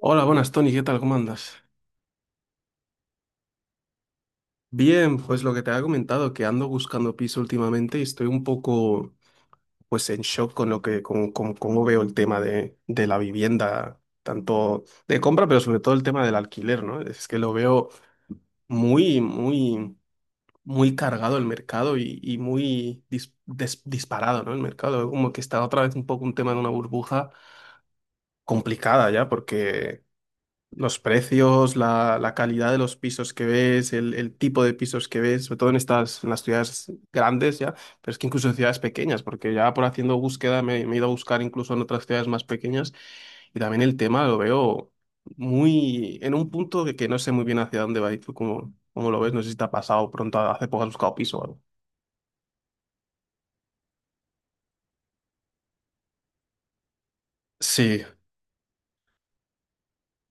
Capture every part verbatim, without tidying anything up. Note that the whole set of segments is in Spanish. Hola, buenas, Tony, ¿qué tal? ¿Cómo andas? Bien, pues lo que te había comentado, que ando buscando piso últimamente y estoy un poco, pues, en shock con lo que, con, con cómo veo el tema de, de la vivienda, tanto de compra, pero sobre todo el tema del alquiler, ¿no? Es que lo veo muy, muy, muy cargado el mercado y, y muy dis- des- disparado, ¿no? El mercado, como que está otra vez un poco un tema de una burbuja complicada ya, porque los precios, la, la calidad de los pisos que ves, el, el tipo de pisos que ves, sobre todo en estas, en las ciudades grandes ya, pero es que incluso en ciudades pequeñas, porque ya por haciendo búsqueda me, me he ido a buscar incluso en otras ciudades más pequeñas y también el tema lo veo muy en un punto que, que no sé muy bien hacia dónde va y tú cómo, cómo lo ves, no sé si te ha pasado pronto, hace poco has buscado piso o algo. Sí,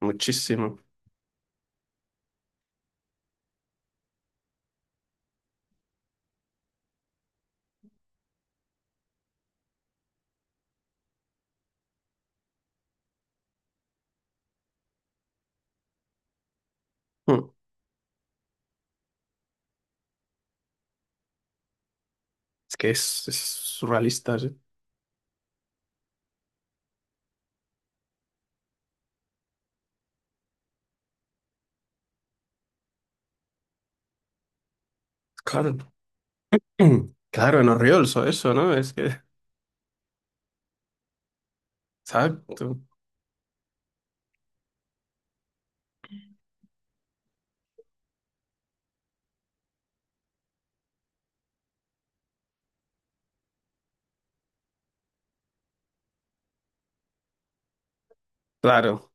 muchísimo. Hmm. Es que es, es surrealista, sí. Claro. Claro, en Orriols o eso, ¿no? Es que, ¿sabes? Claro,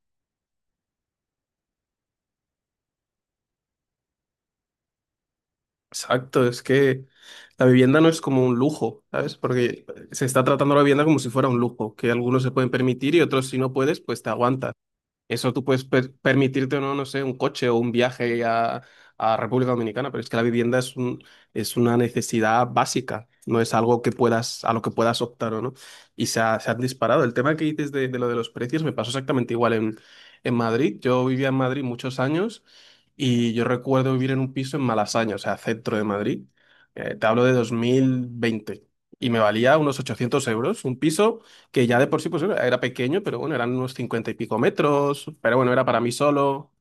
exacto. Es que la vivienda no es como un lujo, ¿sabes? Porque se está tratando la vivienda como si fuera un lujo, que algunos se pueden permitir y otros si no puedes, pues te aguantas. Eso tú puedes per- permitirte, no, no sé, un coche o un viaje a, a República Dominicana, pero es que la vivienda es un, es una necesidad básica, no es algo que puedas, a lo que puedas optar o no. Y se, ha- se han disparado. El tema que dices de, de lo de los precios me pasó exactamente igual en, en Madrid. Yo vivía en Madrid muchos años y yo recuerdo vivir en un piso en Malasaña, o sea, centro de Madrid. Eh, te hablo de dos mil veinte y me valía unos ochocientos euros un piso que ya de por sí pues era era pequeño, pero bueno, eran unos cincuenta y pico metros, pero bueno, era para mí solo,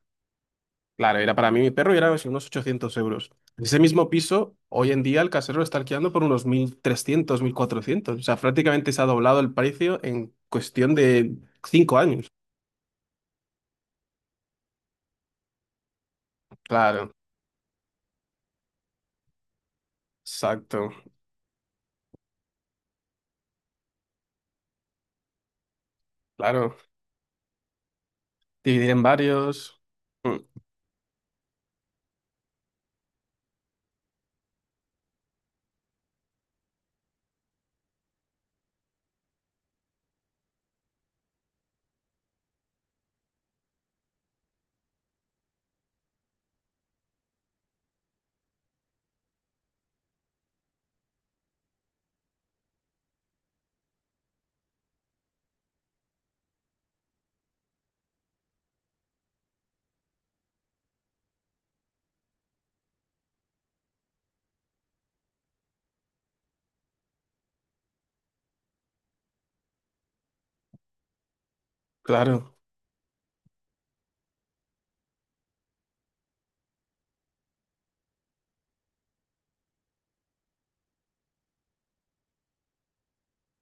claro, era para mí y mi perro y era así unos ochocientos euros. Ese mismo piso, hoy en día el casero lo está alquilando por unos mil trescientos mil cuatrocientos, o sea, prácticamente se ha doblado el precio en cuestión de cinco años. Claro, exacto, claro, dividir en varios, mm, claro,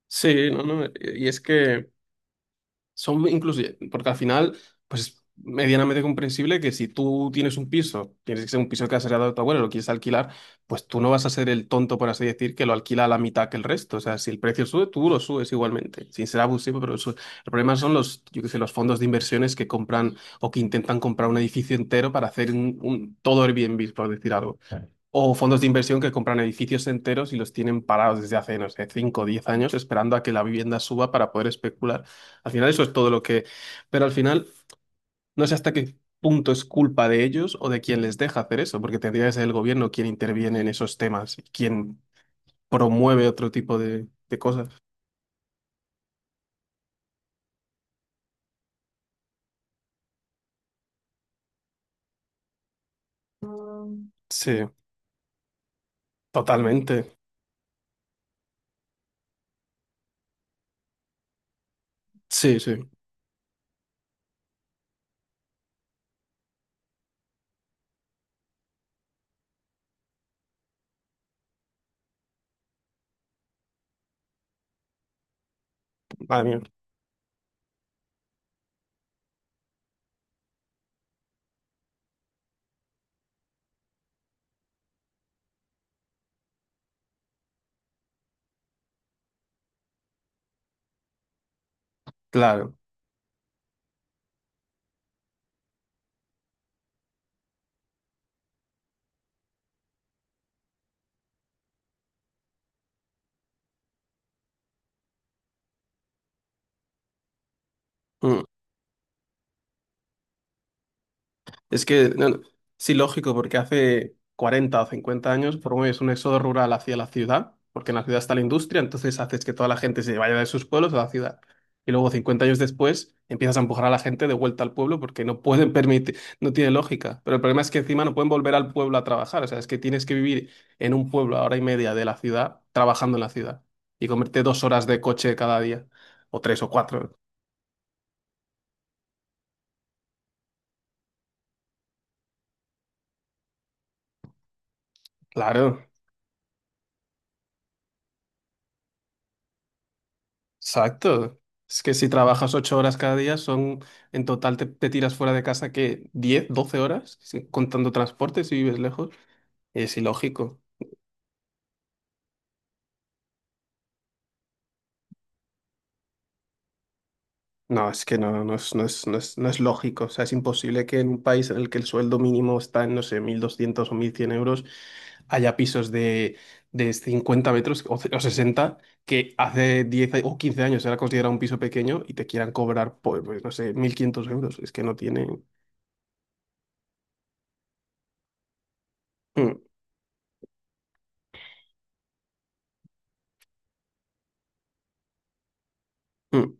sí, no, no, y es que... Son inclusive, porque al final, pues es medianamente comprensible que si tú tienes un piso, tienes que ser un piso que has heredado de tu abuelo, lo quieres alquilar, pues tú no vas a ser el tonto, por así decir, que lo alquila a la mitad que el resto. O sea, si el precio sube, tú lo subes igualmente, sin ser abusivo, pero sube. El problema son los, yo qué sé, los fondos de inversiones que compran o que intentan comprar un edificio entero para hacer un, un todo Airbnb, por decir algo. O fondos de inversión que compran edificios enteros y los tienen parados desde hace, no sé, cinco o diez años esperando a que la vivienda suba para poder especular. Al final eso es todo lo que... Pero al final no sé hasta qué punto es culpa de ellos o de quien les deja hacer eso, porque tendría que ser el gobierno quien interviene en esos temas y quien promueve otro tipo de, de cosas. Sí, totalmente. Sí, sí. Madre mía. Claro. Mm. Es que, no, no, sí, lógico, porque hace cuarenta o cincuenta años promueves un éxodo rural hacia la ciudad, porque en la ciudad está la industria, entonces haces que toda la gente se vaya de sus pueblos a la ciudad. Y luego, cincuenta años después, empiezas a empujar a la gente de vuelta al pueblo porque no pueden permitir, no tiene lógica. Pero el problema es que encima no pueden volver al pueblo a trabajar, o sea, es que tienes que vivir en un pueblo a hora y media de la ciudad, trabajando en la ciudad, y comerte dos horas de coche cada día, o tres o cuatro. Claro. Exacto. Es que si trabajas ocho horas cada día, son en total te, te tiras fuera de casa que diez doce horas, sí, contando transporte si vives lejos. Es ilógico. No, es que no, no es, no es, no es, no es lógico. O sea, es imposible que en un país en el que el sueldo mínimo está en, no sé, mil doscientos o mil cien euros, haya pisos de, de cincuenta metros o, ce- o sesenta que hace diez o quince años era considerado un piso pequeño y te quieran cobrar, pues, pues, no sé, mil quinientos euros. Es que no tiene... Mm, mm,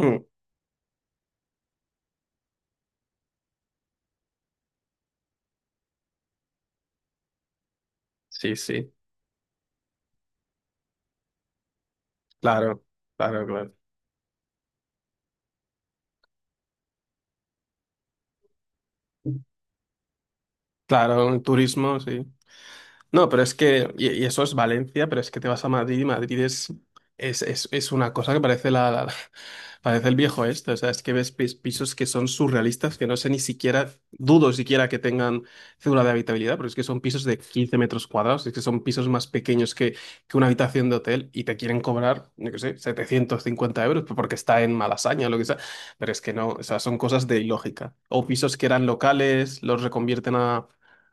mm. Sí, sí, claro, claro, claro. Claro, el turismo, sí. No, pero es que, y, y eso es Valencia, pero es que te vas a Madrid y Madrid es, es, es, es una cosa que parece la, la- parece el viejo este. O sea, es que ves pis- pisos que son surrealistas, que no sé ni siquiera, dudo siquiera que tengan cédula de habitabilidad, pero es que son pisos de quince metros cuadrados, es que son pisos más pequeños que, que una habitación de hotel y te quieren cobrar, yo qué sé, setecientos cincuenta euros porque está en Malasaña o lo que sea. Pero es que no, o sea, son cosas de ilógica. O pisos que eran locales, los reconvierten a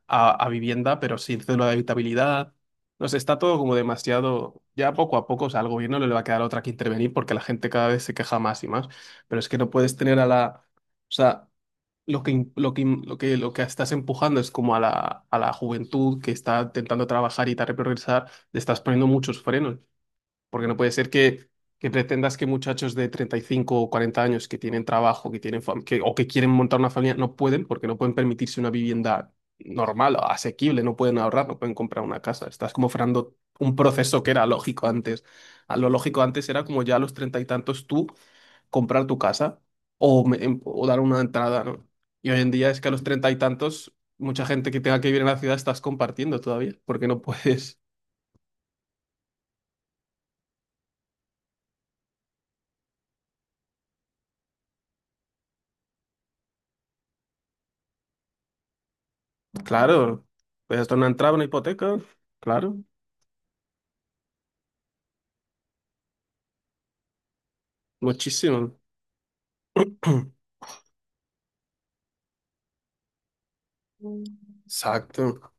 a, a vivienda, pero sin cédula de habitabilidad. No sé, está todo como demasiado. Ya poco a poco, o sea, al gobierno no le va a quedar otra que intervenir porque la gente cada vez se queja más y más. Pero es que no puedes tener a la. O sea, lo que, im- lo que, im- lo que, lo que estás empujando es como a la, a la juventud que está intentando trabajar y tal, progresar, le estás poniendo muchos frenos. Porque no puede ser que, que pretendas que muchachos de treinta y cinco o cuarenta años que tienen trabajo, que tienen fam- que, o que quieren montar una familia, no pueden porque no pueden permitirse una vivienda normal, asequible, no pueden ahorrar, no pueden comprar una casa. Estás como frenando un proceso que era lógico antes. A lo lógico antes era como ya a los treinta y tantos tú comprar tu casa o, me- em- o dar una entrada, ¿no? Y hoy en día es que a los treinta y tantos, mucha gente que tenga que vivir en la ciudad estás compartiendo todavía, porque no puedes. Claro, pues esto no entraba en una hipoteca, claro, muchísimo. Exacto,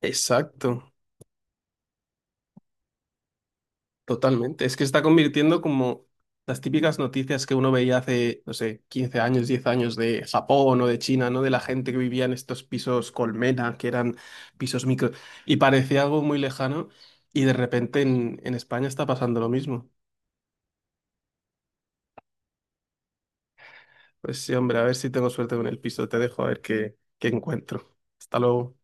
exacto, totalmente. Es que se está convirtiendo como las típicas noticias que uno veía hace, no sé, quince años, diez años de Japón o de China, ¿no? De la gente que vivía en estos pisos colmena, que eran pisos micro, y parecía algo muy lejano, y de repente en, en España está pasando lo mismo. Pues sí, hombre, a ver si tengo suerte con el piso, te dejo a ver qué, qué encuentro. Hasta luego.